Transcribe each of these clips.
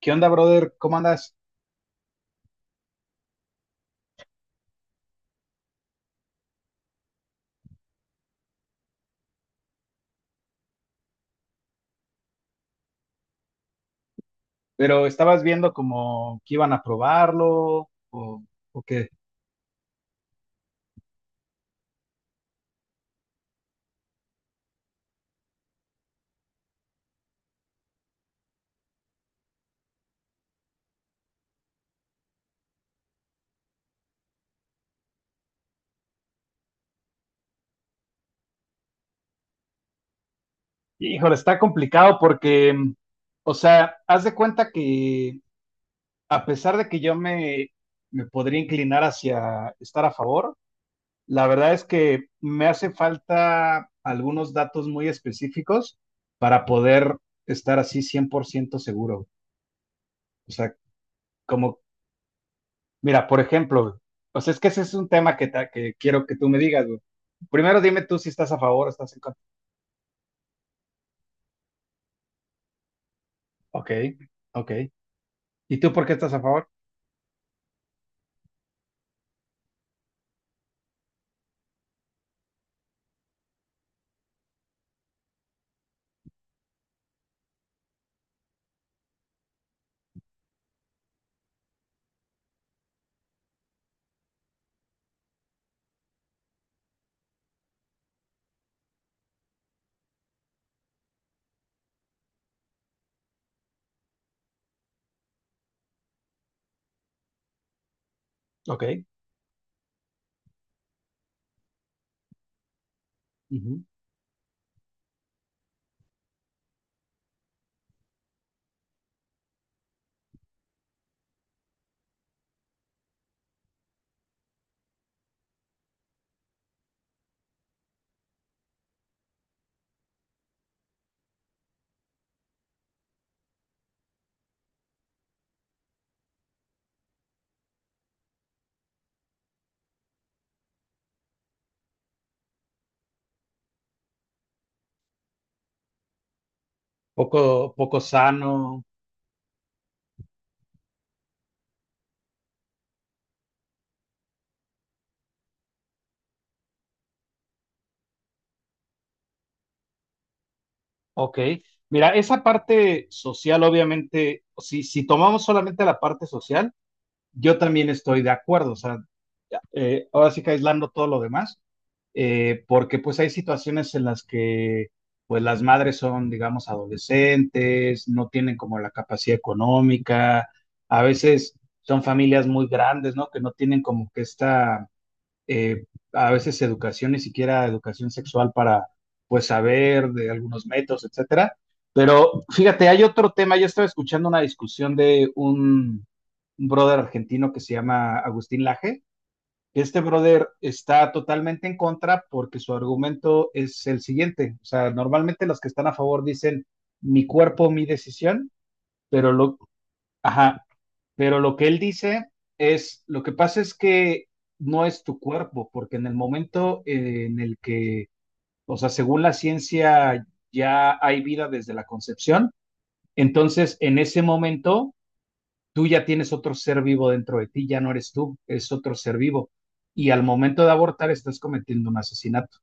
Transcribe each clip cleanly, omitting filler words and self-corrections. ¿Qué onda, brother? ¿Cómo andas? Pero estabas viendo como que iban a probarlo, o qué. Híjole, está complicado porque, o sea, haz de cuenta que a pesar de que yo me podría inclinar hacia estar a favor, la verdad es que me hace falta algunos datos muy específicos para poder estar así 100% seguro. O sea, como mira, por ejemplo, güey, o sea, es que ese es un tema que quiero que tú me digas, güey. Primero dime tú si estás a favor o estás en contra. Ok, ok. ¿Y tú por qué estás a favor? Ok. Ujú. Poco, poco sano. Ok. Mira, esa parte social, obviamente, si tomamos solamente la parte social, yo también estoy de acuerdo. O sea, ahora sí que aislando todo lo demás, porque pues hay situaciones en las que pues las madres son, digamos, adolescentes, no tienen como la capacidad económica, a veces son familias muy grandes, ¿no? Que no tienen como que esta, eh, a veces educación, ni siquiera educación sexual para pues saber de algunos métodos, etcétera. Pero fíjate, hay otro tema, yo estaba escuchando una discusión de un brother argentino que se llama Agustín Laje, este brother está totalmente en contra porque su argumento es el siguiente. O sea, normalmente los que están a favor dicen mi cuerpo, mi decisión, pero lo, ajá, pero lo que él dice es, lo que pasa es que no es tu cuerpo, porque en el momento en el que, o sea, según la ciencia ya hay vida desde la concepción, entonces en ese momento tú ya tienes otro ser vivo dentro de ti, ya no eres tú, es otro ser vivo. Y al momento de abortar estás cometiendo un asesinato.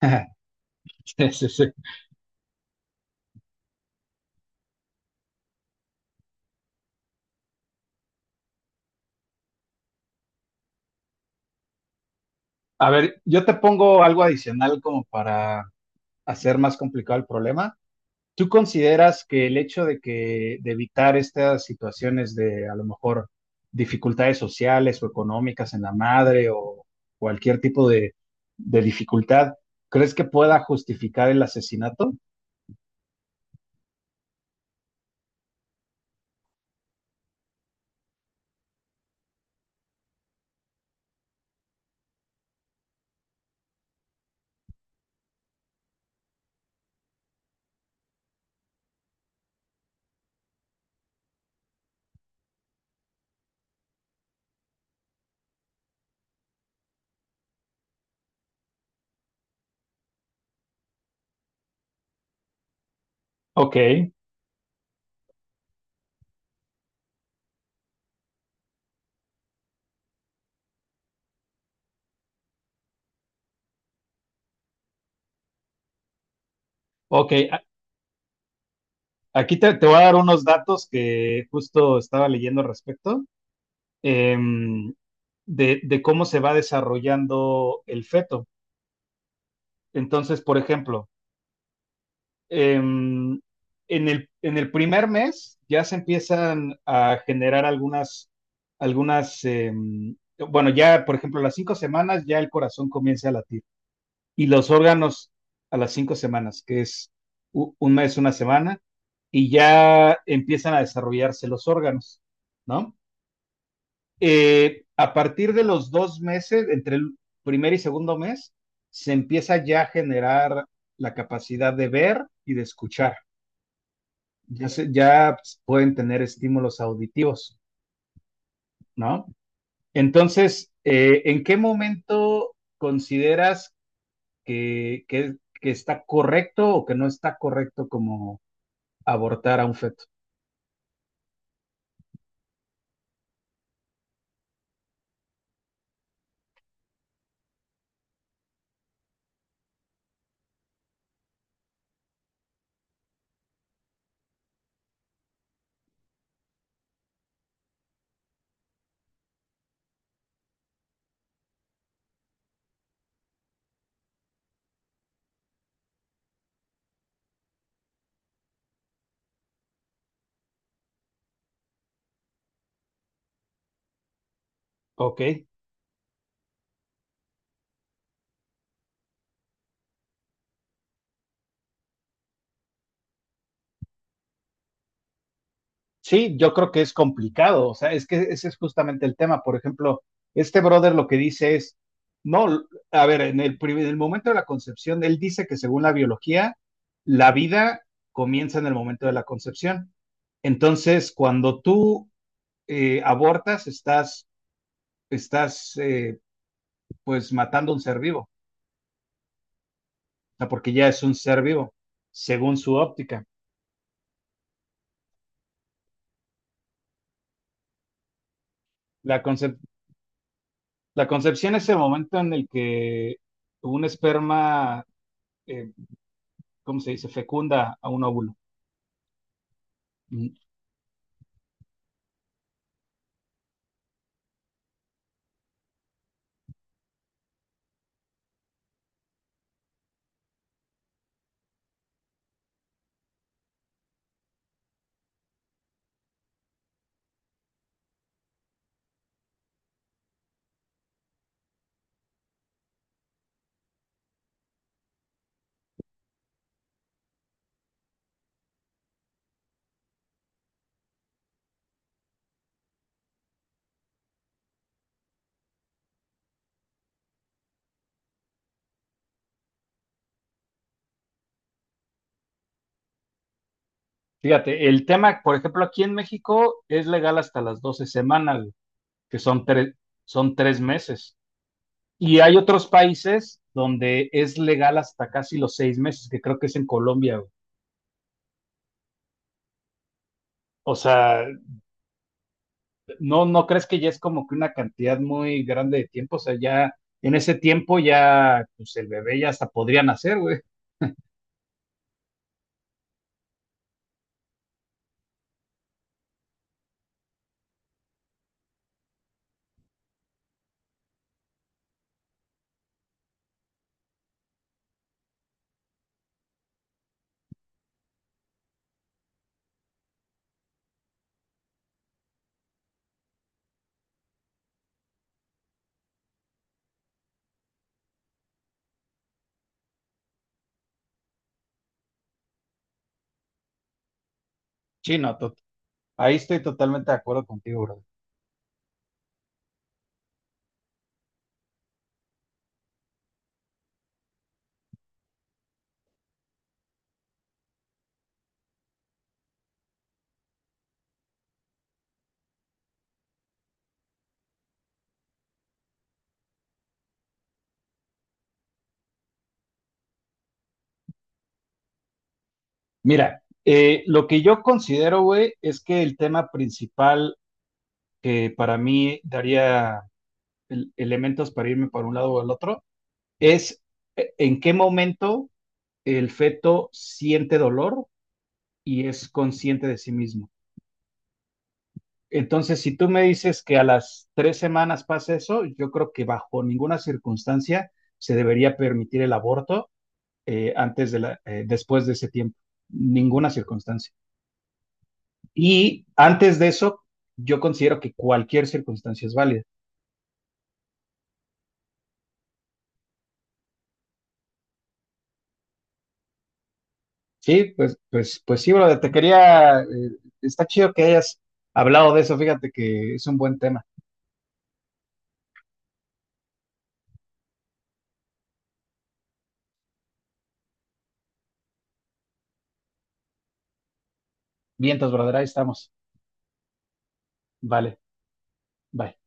Sí, sí, sí. A ver, yo te pongo algo adicional como para hacer más complicado el problema. ¿Tú consideras que el hecho de evitar estas situaciones de a lo mejor dificultades sociales o económicas en la madre o cualquier tipo de dificultad, crees que pueda justificar el asesinato? Ok, ok. Aquí te voy a dar unos datos que justo estaba leyendo al respecto, em, de cómo se va desarrollando el feto. Entonces, por ejemplo, em, en el primer mes ya se empiezan a generar algunas, algunas, em, bueno, ya, por ejemplo, las 5 semanas ya el corazón comienza a latir. Y los órganos a las 5 semanas, que es un mes, una semana, y ya empiezan a desarrollarse los órganos, ¿no? A partir de los 2 meses, entre el primer y segundo mes, se empieza ya a generar la capacidad de ver y de escuchar. Ya, ya pueden tener estímulos auditivos, ¿no? Entonces, ¿en qué momento consideras que está correcto o que no está correcto como abortar a un feto? Ok, sí, yo creo que es complicado, o sea, es que ese es justamente el tema. Por ejemplo, este brother lo que dice es, no, a ver, en el momento de la concepción, él dice que según la biología, la vida comienza en el momento de la concepción. Entonces, cuando tú abortas, estás pues matando a un ser vivo. Sea, porque ya es un ser vivo, según su óptica. La, concep- la concepción es el momento en el que un esperma, eh, ¿cómo se dice?, fecunda a un óvulo. Mm. Fíjate, el tema, por ejemplo, aquí en México es legal hasta las 12 semanas, güey, que son tres, son 3 meses. Y hay otros países donde es legal hasta casi los 6 meses, que creo que es en Colombia, güey. O sea, ¿no, no crees que ya es como que una cantidad muy grande de tiempo? O sea, ya en ese tiempo ya, pues el bebé ya hasta podría nacer, güey. Sí, no, ahí estoy totalmente de acuerdo contigo, bro. Mira, lo que yo considero, güey, es que el tema principal que para mí daría elementos para irme por un lado o al otro es en qué momento el feto siente dolor y es consciente de sí mismo. Entonces, si tú me dices que a las 3 semanas pasa eso, yo creo que bajo ninguna circunstancia se debería permitir el aborto después de ese tiempo, ninguna circunstancia. Y antes de eso, yo considero que cualquier circunstancia es válida. Sí, pues sí, brother, te quería, está chido que hayas hablado de eso, fíjate que es un buen tema. Vientos, brother, ahí estamos. Vale, bye.